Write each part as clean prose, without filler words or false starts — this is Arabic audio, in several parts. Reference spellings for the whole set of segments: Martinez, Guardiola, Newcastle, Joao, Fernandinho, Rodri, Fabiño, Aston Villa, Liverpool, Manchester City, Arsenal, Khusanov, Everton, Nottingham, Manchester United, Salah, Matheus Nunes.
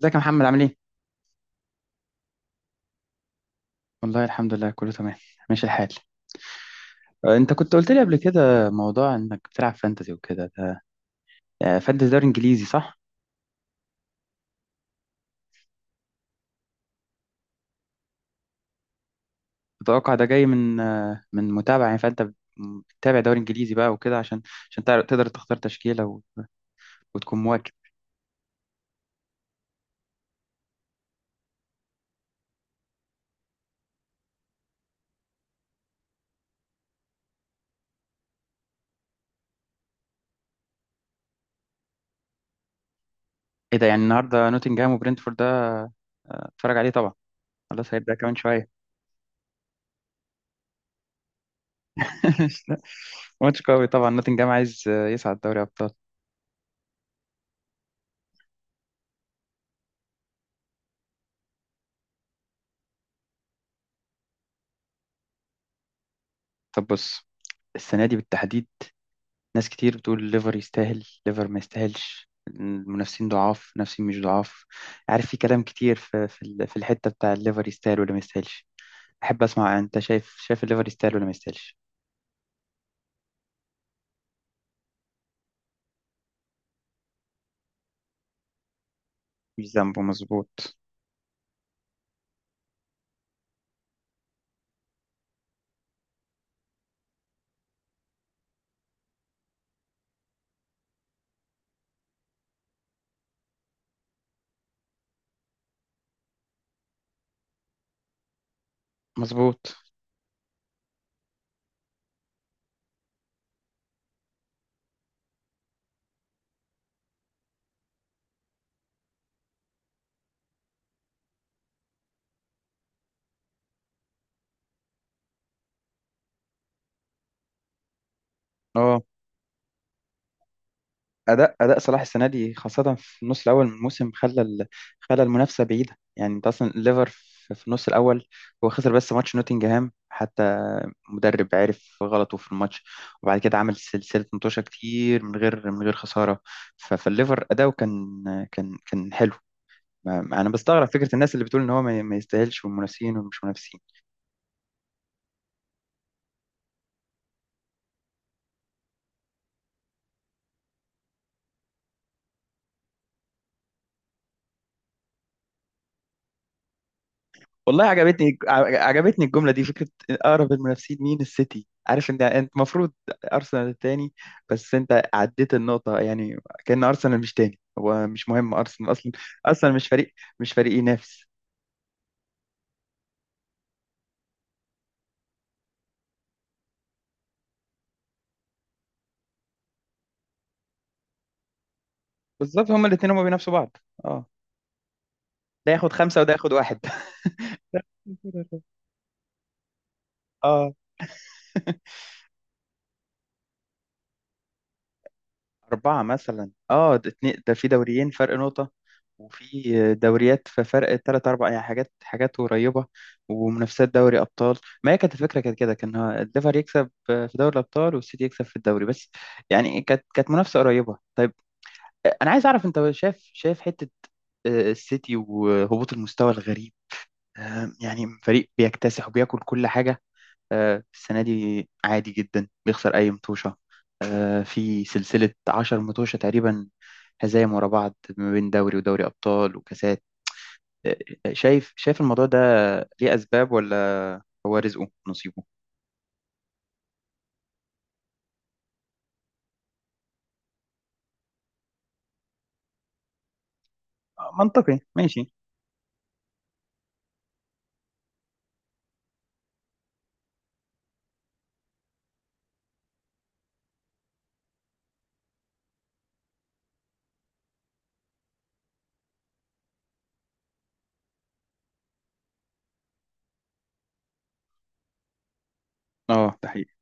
ازيك يا محمد، عامل ايه؟ والله الحمد لله، كله تمام. ماشي الحال. انت كنت قلت لي قبل كده موضوع انك بتلعب فانتزي وكده ده. فانتزي دوري انجليزي صح؟ اتوقع ده جاي من من متابعة، يعني فانت بتتابع دوري انجليزي بقى وكده، عشان تقدر تختار تشكيلة وتكون مواكب. ايه ده؟ يعني النهارده نوتنجهام وبرنتفورد ده. آه، اتفرج عليه طبعا، خلاص هيبدأ كمان شوية. ماتش قوي طبعا، نوتنجهام عايز يصعد دوري ابطال. طب بص، السنة دي بالتحديد ناس كتير بتقول ليفر يستاهل، ليفر ما يستاهلش، المنافسين ضعاف، منافسين مش ضعاف. عارف، في كلام كتير في الحتة بتاع الليفر يستاهل ولا ما يستاهلش. أحب أسمع أنت، شايف الليفر يستاهل ولا ما يستاهلش؟ مش ذنبه، مظبوط. مظبوط، اه. أداء أداء صلاح السنة دي خاصة في النص الأول من الموسم خلى المنافسة بعيدة. يعني أنت أصلا الليفر في النص الأول هو خسر بس ماتش نوتنجهام حتى، مدرب عرف غلطه في الماتش، وبعد كده عمل سلسلة متوشة كتير من غير خسارة. فالليفر أداؤه كان، كان حلو. أنا بستغرب فكرة الناس اللي بتقول إن هو ما يستاهلش والمنافسين ومش منافسين. والله عجبتني الجملة دي، فكرة أقرب المنافسين مين؟ السيتي. عارف انت، المفروض ارسنال التاني، بس انت عديت النقطة يعني، كأن ارسنال مش تاني، هو مش مهم ارسنال اصلا. اصلا مش فريق مش فريق ينافس. بالظبط هما الاتنين هما بينافسوا بعض. اه، ده ياخد خمسة وده ياخد واحد. اه، أربعة مثلا، اه ده اتنين، ده في دوريين فرق نقطة، وفي دوريات في فرق تلات أربع، يعني حاجات حاجات قريبة. ومنافسات دوري أبطال. ما هي كانت الفكرة كانت كده، كان الليفر يكسب في دوري الأبطال والسيتي يكسب في الدوري بس. يعني كانت منافسة قريبة. طيب، أنا عايز أعرف أنت، شايف حتة السيتي وهبوط المستوى الغريب، يعني فريق بيكتسح وبياكل كل حاجة، السنة دي عادي جدا بيخسر أي مطوشة، في سلسلة 10 مطوشة تقريبا، هزايم ورا بعض ما بين دوري ودوري أبطال وكاسات. آه، شايف الموضوع ده، ليه أسباب ولا هو رزقه نصيبه؟ منطقي ماشي. اه، ده حقيقي.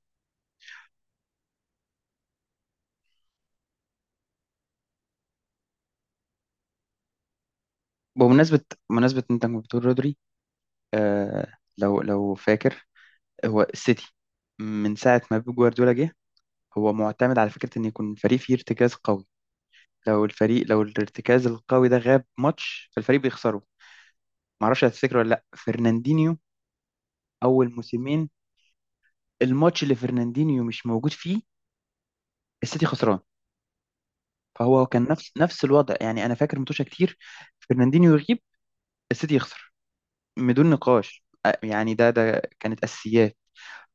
بمناسبة بمناسبة إن أنت كنت بتقول رودري، لو فاكر، هو السيتي من ساعة ما بيب جوارديولا جه، هو معتمد على فكرة إن يكون فريق فيه ارتكاز قوي. لو الارتكاز القوي ده غاب ماتش، فالفريق بيخسره. معرفش هتفتكره ولا لا، فرناندينيو، اول موسمين، الماتش اللي فرناندينيو مش موجود فيه السيتي خسران. فهو كان نفس الوضع. يعني انا فاكر متوشه كتير فرناندينيو يغيب السيتي يخسر بدون نقاش. يعني ده كانت اساسيات.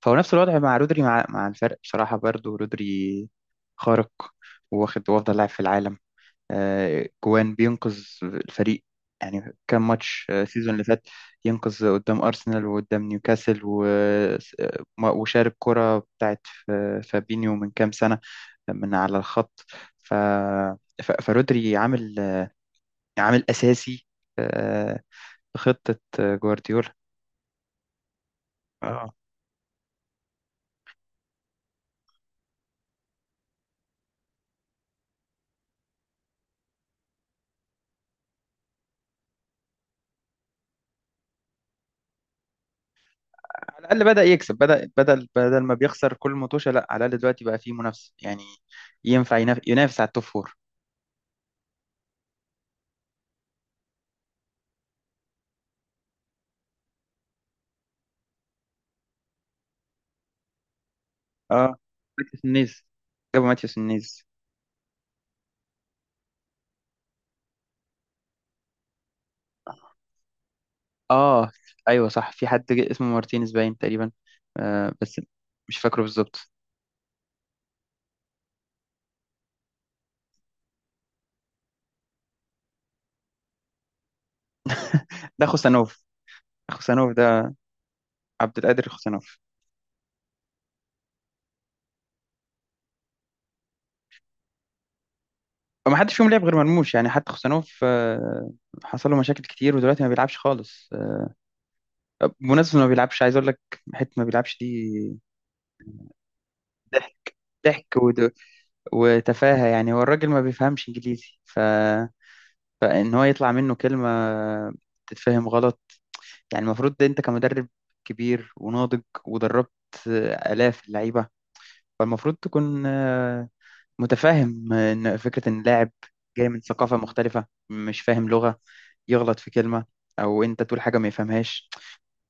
فهو نفس الوضع مع رودري، مع الفرق. بصراحه برضو رودري خارق، واخد وافضل لاعب في العالم. جوان بينقذ الفريق. يعني كان ماتش السيزون اللي فات، ينقذ قدام أرسنال وقدام نيوكاسل وشارك كرة بتاعت ف- فابينيو من كام سنة، من على الخط. ف... فرودري عامل أساسي آه، في خطة جوارديولا. اه، على الأقل بدأ يكسب، بدل ما بيخسر كل مطوشة. لا، على الأقل دلوقتي بقى فيه منافسة، يعني ينفع ينافس على التوب فور. اه، ماتيوس النيز، جابوا ماتيوس النيز. اه ايوه صح، في حد جه اسمه مارتينيز باين تقريبا. بس مش فاكره بالظبط. ده خوسانوف. خوسانوف ده عبد القادر خوسانوف. وما حدش فيهم لعب غير مرموش، يعني حتى خوسانوف حصل له مشاكل كتير ودلوقتي ما بيلعبش خالص. بمناسبة إنه ما بيلعبش، عايز اقول لك حتة ما بيلعبش دي. ضحك ضحك وتفاهة. يعني هو الراجل ما بيفهمش انجليزي، ف فان هو يطلع منه كلمة تتفهم غلط. يعني المفروض ده، انت كمدرب كبير وناضج، ودربت آلاف اللعيبة، فالمفروض تكون متفاهم ان فكرة ان لاعب جاي من ثقافة مختلفة مش فاهم لغة يغلط في كلمة، او انت تقول حاجة ما يفهمهاش.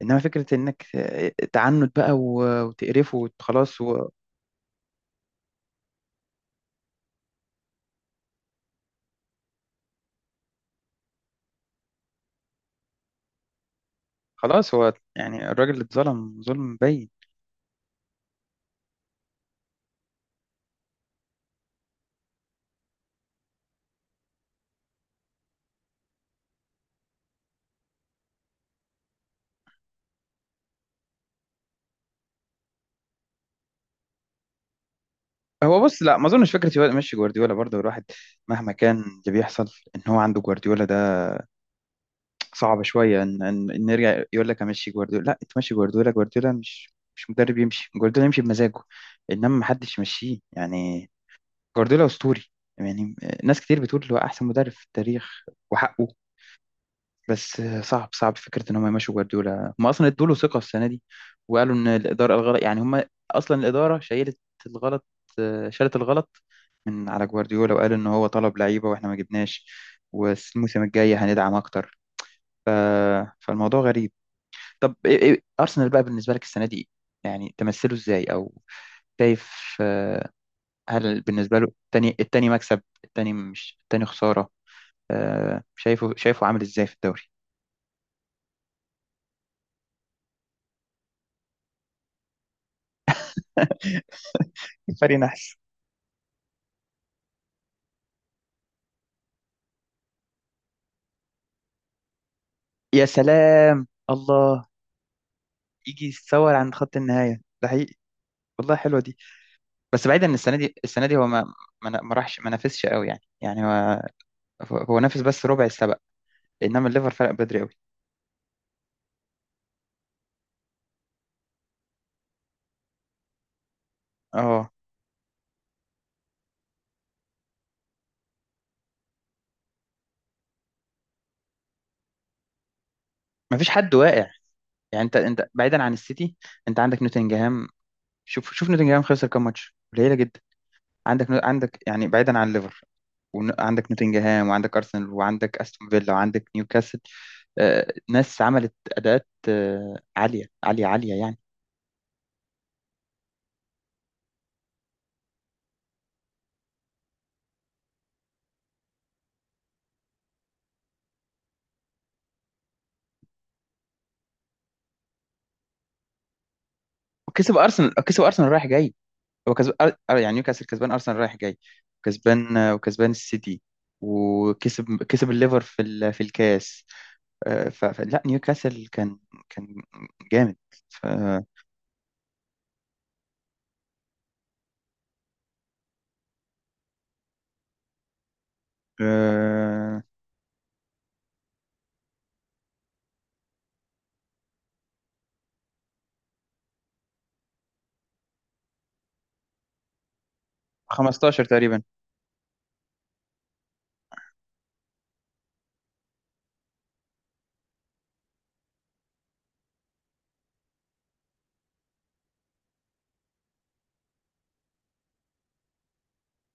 انما فكرة انك تعنت بقى وتقرفه خلاص هو، يعني الراجل اتظلم ظلم باين. هو بص، لا ما اظنش فكرة يمشي جوارديولا برضه. الواحد مهما كان اللي بيحصل، ان هو عنده جوارديولا ده، صعب شويه ان إن نرجع يقول لك امشي جوارديولا. لا، تمشي جوارديولا، جوارديولا مش مدرب يمشي، جوارديولا يمشي بمزاجه، انما ما حدش يمشيه يعني. جوارديولا اسطوري يعني، ناس كتير بتقول هو احسن مدرب في التاريخ، وحقه. بس صعب، صعب فكره ان هم يمشوا جوارديولا، هم اصلا ادوا له ثقه السنه دي، وقالوا ان الاداره الغلط. يعني هم اصلا الاداره شيلت الغلط، شالت الغلط من على جوارديولا، وقالوا ان هو طلب لعيبه واحنا ما جبناش، والموسم الجاي هندعم اكتر. ف... فالموضوع غريب. طب إيه، ارسنال بقى بالنسبه لك السنه دي إيه؟ يعني تمثله ازاي، او شايف آه، هل بالنسبه له التاني، مكسب التاني مش التاني خساره؟ شايفه عامل ازاي في الدوري؟ فريق نحس. يا سلام الله، يجي يتصور عند خط النهايه، ده حقيقي، والله حلوه دي. بس بعيدا ان السنه دي، هو ما راحش، ما نافسش قوي. يعني هو نافس بس ربع السبق، انما الليفر فرق بدري قوي. اه، ما فيش حد واقع. يعني انت بعيدا عن السيتي، انت عندك نوتنجهام. شوف شوف نوتنجهام خسر كام ماتش؟ قليله جدا. عندك، يعني بعيدا عن ليفر، وعندك نوتنجهام وعندك ارسنال وعندك استون فيلا وعندك نيوكاسل. ناس عملت اداءات عاليه عاليه عاليه يعني. وكسب ارسنال كسب ارسنال رايح جاي، هو كسب. يعني نيوكاسل كسبان، ارسنال رايح جاي كسبان، وكسبان السيتي. وكسب الليفر في الكاس. فلا نيوكاسل كان، كان جامد. آه، 15 تقريبا.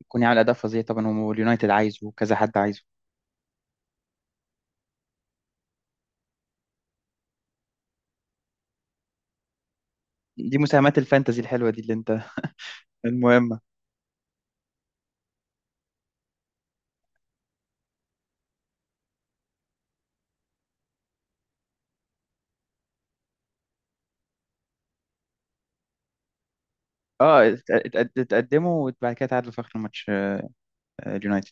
يكون يعني على أداء فظيع طبعا. هو اليونايتد عايزه وكذا حد عايزه. دي مساهمات الفانتزي الحلوة دي اللي انت المهمة. اه تقدموا وبعد كده تعادلوا في آخر الماتش، اليونايتد.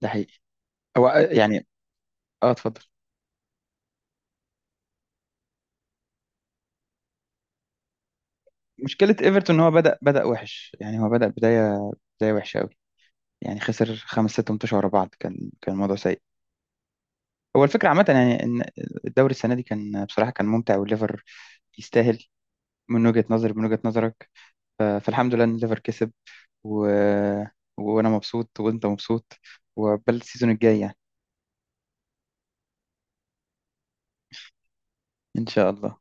ده حقيقي. هو يعني. اه، اتفضل. مشكلة ايفرتون ان هو بدأ وحش. يعني هو بدأ بداية وحشة قوي، يعني خسر خمس ست ماتشات ورا بعض. كان الموضوع سيء. هو الفكرة عامة يعني، ان الدوري السنة دي كان بصراحة كان ممتع. والليفر يستاهل، من وجهة نظري، من وجهة نظرك. فالحمد لله ان الليفر كسب. و... وانا مبسوط وانت مبسوط، وعقبال السيزون الجاي يعني، ان شاء الله.